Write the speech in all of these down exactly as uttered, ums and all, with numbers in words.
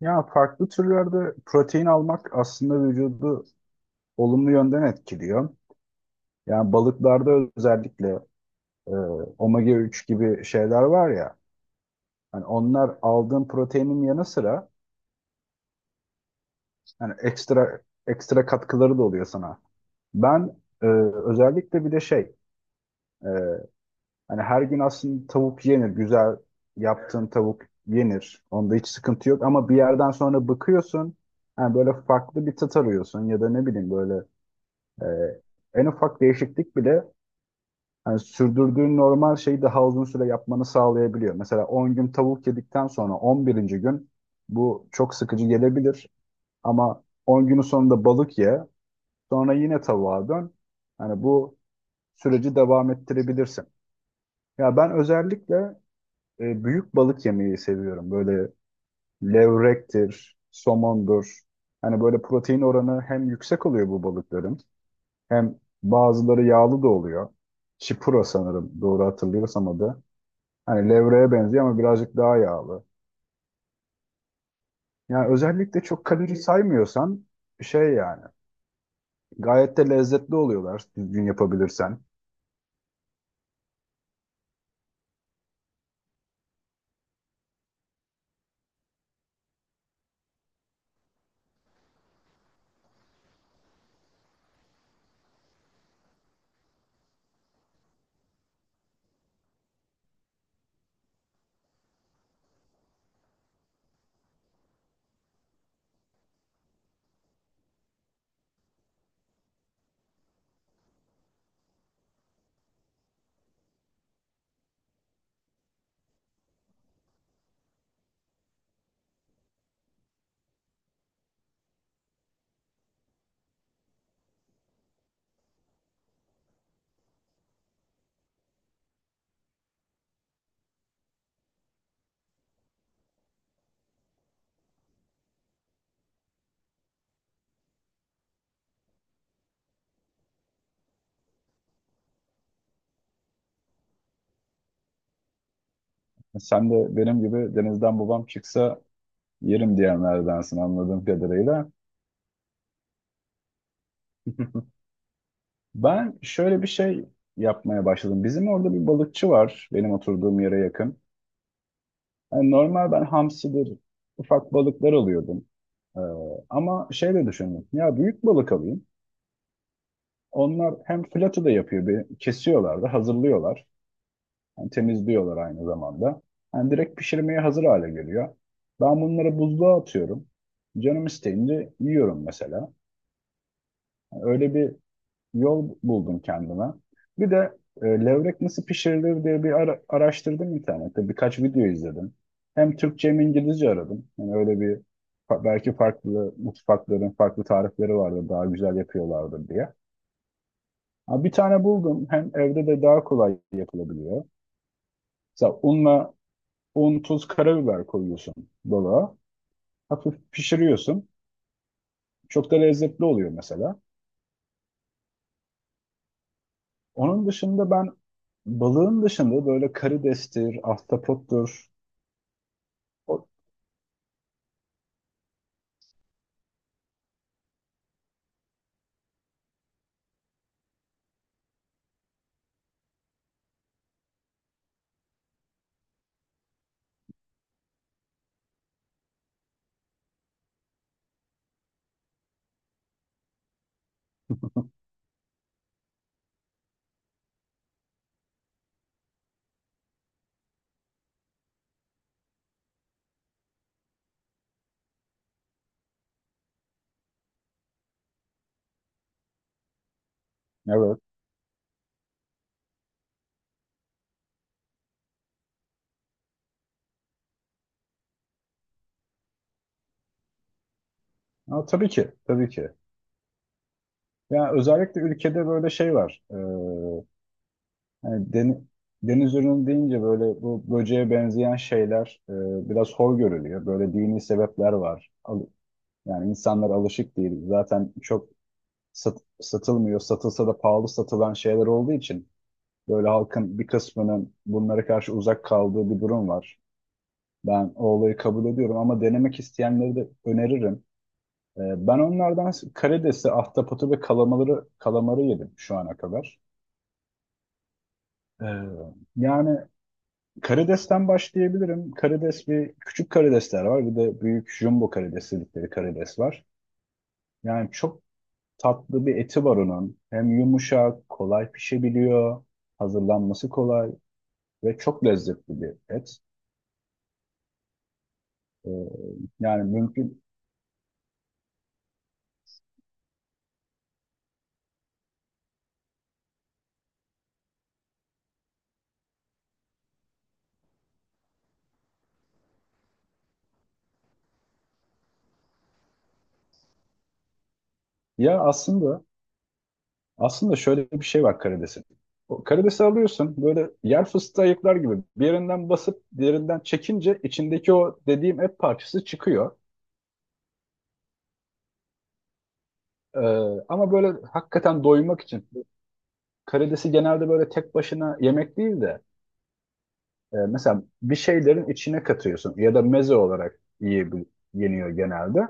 Ya farklı türlerde protein almak aslında vücudu olumlu yönden etkiliyor. Yani balıklarda özellikle e, omega üç gibi şeyler var ya. Hani onlar aldığın proteinin yanı sıra hani ekstra ekstra katkıları da oluyor sana. Ben e, özellikle bir de şey e, hani her gün aslında tavuk yenir. Güzel yaptığın tavuk yenir. Onda hiç sıkıntı yok ama bir yerden sonra bıkıyorsun. Yani böyle farklı bir tat arıyorsun ya da ne bileyim böyle Ee, En ufak değişiklik bile hani sürdürdüğün normal şeyi daha uzun süre yapmanı sağlayabiliyor. Mesela on gün tavuk yedikten sonra on birinci gün bu çok sıkıcı gelebilir ama on günün sonunda balık ye, sonra yine tavuğa dön. Yani bu süreci devam ettirebilirsin. Ya ben özellikle e, büyük balık yemeyi seviyorum. Böyle levrektir, somondur. Hani böyle protein oranı hem yüksek oluyor bu balıkların, hem bazıları yağlı da oluyor. Chipura sanırım doğru hatırlıyorsam adı. Hani levreye benziyor ama birazcık daha yağlı. Yani özellikle çok kalori saymıyorsan şey yani gayet de lezzetli oluyorlar düzgün yapabilirsen. Sen de benim gibi denizden babam çıksa yerim diyenlerdensin anladığım kadarıyla. Ben şöyle bir şey yapmaya başladım. Bizim orada bir balıkçı var benim oturduğum yere yakın. Yani normal ben hamsidir, ufak balıklar alıyordum. Ee, ama şey de düşündüm. Ya büyük balık alayım. Onlar hem flatı da yapıyor. Bir, kesiyorlar da hazırlıyorlar. Yani temizliyorlar aynı zamanda. Yani direkt pişirmeye hazır hale geliyor. Ben bunları buzluğa atıyorum. Canım isteyince yiyorum mesela. Yani öyle bir yol buldum kendime. Bir de e, levrek nasıl pişirilir diye bir ara- araştırdım internette. Birkaç video izledim. Hem Türkçe hem İngilizce aradım. Yani öyle bir fa- belki farklı mutfakların farklı tarifleri vardı daha güzel yapıyorlardı diye. Ha, bir tane buldum. Hem evde de daha kolay yapılabiliyor. Mesela unla un, tuz, karabiber koyuyorsun dolaba. Hafif pişiriyorsun. Çok da lezzetli oluyor mesela. Onun dışında ben balığın dışında böyle karidestir, ahtapottur, O- Evet. Ha, tabii ki, tabii ki. Yani özellikle ülkede böyle şey var. Ee, hani deni- deniz ürünü deyince böyle bu böceğe benzeyen şeyler e, biraz hor görülüyor. Böyle dini sebepler var. Al- yani insanlar alışık değil. Zaten çok sat- satılmıyor. Satılsa da pahalı satılan şeyler olduğu için böyle halkın bir kısmının bunlara karşı uzak kaldığı bir durum var. Ben o olayı kabul ediyorum ama denemek isteyenleri de öneririm. Ee, Ben onlardan karidesi, ahtapotu ve kalamarı, kalamarı yedim şu ana kadar. Ee, yani karidesten başlayabilirim. Karides bir küçük karidesler var. Bir de büyük jumbo karides dedikleri karides var. Yani çok tatlı bir eti var onun. Hem yumuşak, kolay pişebiliyor. Hazırlanması kolay ve çok lezzetli bir et. Ee, yani mümkün. Ya aslında Aslında şöyle bir şey var karidesin. O karidesi alıyorsun böyle yer fıstığı ayıklar gibi bir yerinden basıp diğerinden çekince içindeki o dediğim et parçası çıkıyor. Ee, ama böyle hakikaten doymak için karidesi genelde böyle tek başına yemek değil de e, mesela bir şeylerin içine katıyorsun ya da meze olarak yiyebil yeniyor genelde.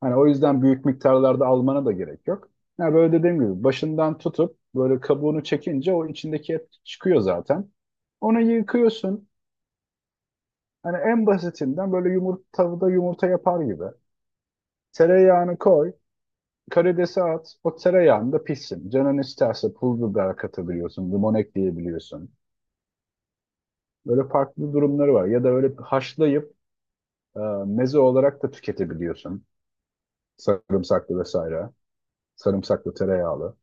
Hani o yüzden büyük miktarlarda almana da gerek yok. Ya böyle dediğim gibi başından tutup böyle kabuğunu çekince o içindeki et çıkıyor zaten. Onu yıkıyorsun. Hani en basitinden böyle yumurta tavada yumurta yapar gibi. Tereyağını koy, karidesi at. O tereyağında pişsin. Canın isterse pul biber katabiliyorsun, limon ekleyebiliyorsun. Böyle farklı durumları var. Ya da öyle haşlayıp e, meze olarak da tüketebiliyorsun. Sarımsaklı vesaire. Sarımsaklı tereyağlı.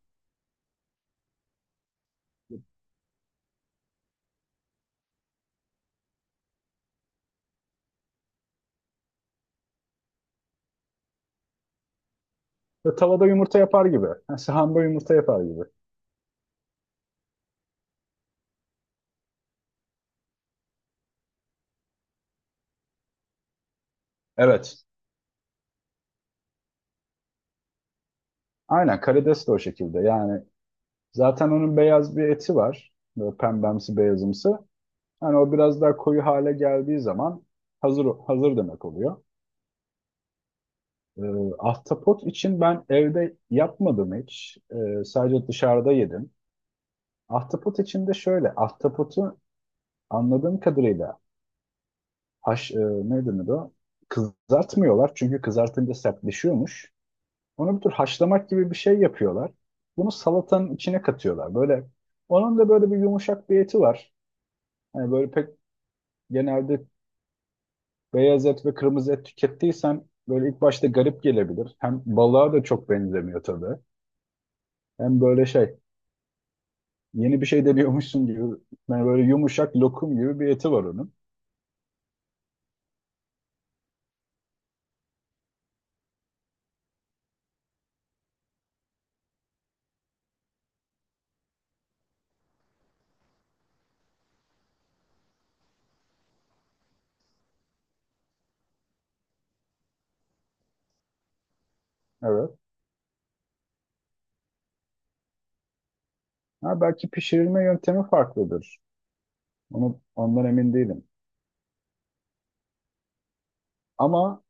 Ve tavada yumurta yapar gibi. Ha, sahanda yumurta yapar gibi. Evet. Aynen karides de o şekilde. Yani zaten onun beyaz bir eti var. Böyle pembemsi beyazımsı. Hani o biraz daha koyu hale geldiği zaman hazır hazır demek oluyor. Ee, ahtapot için ben evde yapmadım hiç. Ee, sadece dışarıda yedim. Ahtapot için de şöyle, ahtapotu anladığım kadarıyla haş, e, ne denir o? Kızartmıyorlar çünkü kızartınca sertleşiyormuş. Onu bir tür haşlamak gibi bir şey yapıyorlar. Bunu salatanın içine katıyorlar. Böyle onun da böyle bir yumuşak bir eti var. Hani böyle pek genelde beyaz et ve kırmızı et tükettiysen böyle ilk başta garip gelebilir. Hem balığa da çok benzemiyor tabii. Hem böyle şey yeni bir şey deniyormuşsun gibi yani böyle yumuşak lokum gibi bir eti var onun. Evet. Ha, belki pişirilme yöntemi farklıdır. Onu, ondan emin değilim. Ama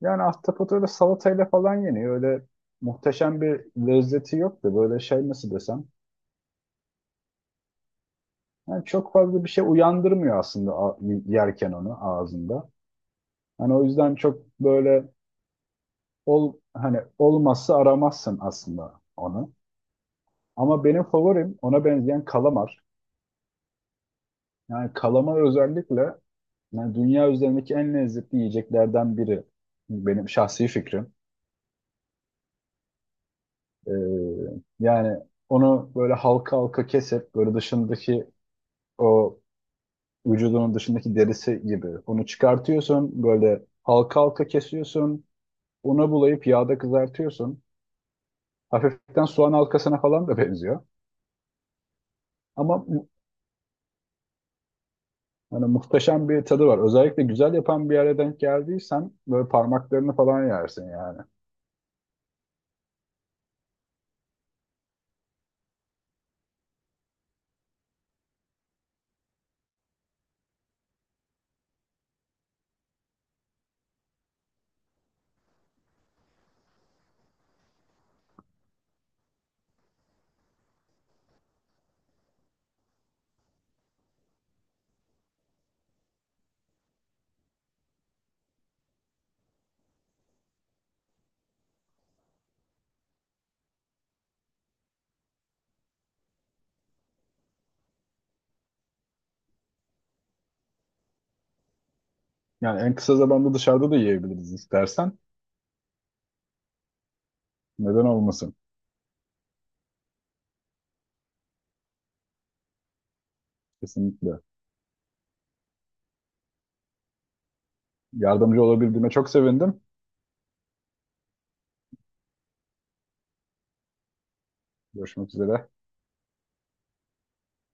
yani ahtapot öyle salatayla falan yeniyor. Öyle muhteşem bir lezzeti yok da böyle şey nasıl desem. Yani çok fazla bir şey uyandırmıyor aslında a- yerken onu ağzında. Hani o yüzden çok böyle ol hani olmazsa aramazsın aslında onu. Ama benim favorim ona benzeyen kalamar. Yani kalamar özellikle yani dünya üzerindeki en lezzetli yiyeceklerden biri. Benim şahsi fikrim. Ee, yani onu böyle halka halka kesip böyle dışındaki o vücudunun dışındaki derisi gibi onu çıkartıyorsun böyle halka halka kesiyorsun una bulayıp yağda kızartıyorsun. Hafiften soğan halkasına falan da benziyor. Ama hani muhteşem bir tadı var. Özellikle güzel yapan bir yere denk geldiysen böyle parmaklarını falan yersin yani. Yani en kısa zamanda dışarıda da yiyebiliriz istersen. Neden olmasın? Kesinlikle. Yardımcı olabildiğime çok sevindim. Görüşmek üzere.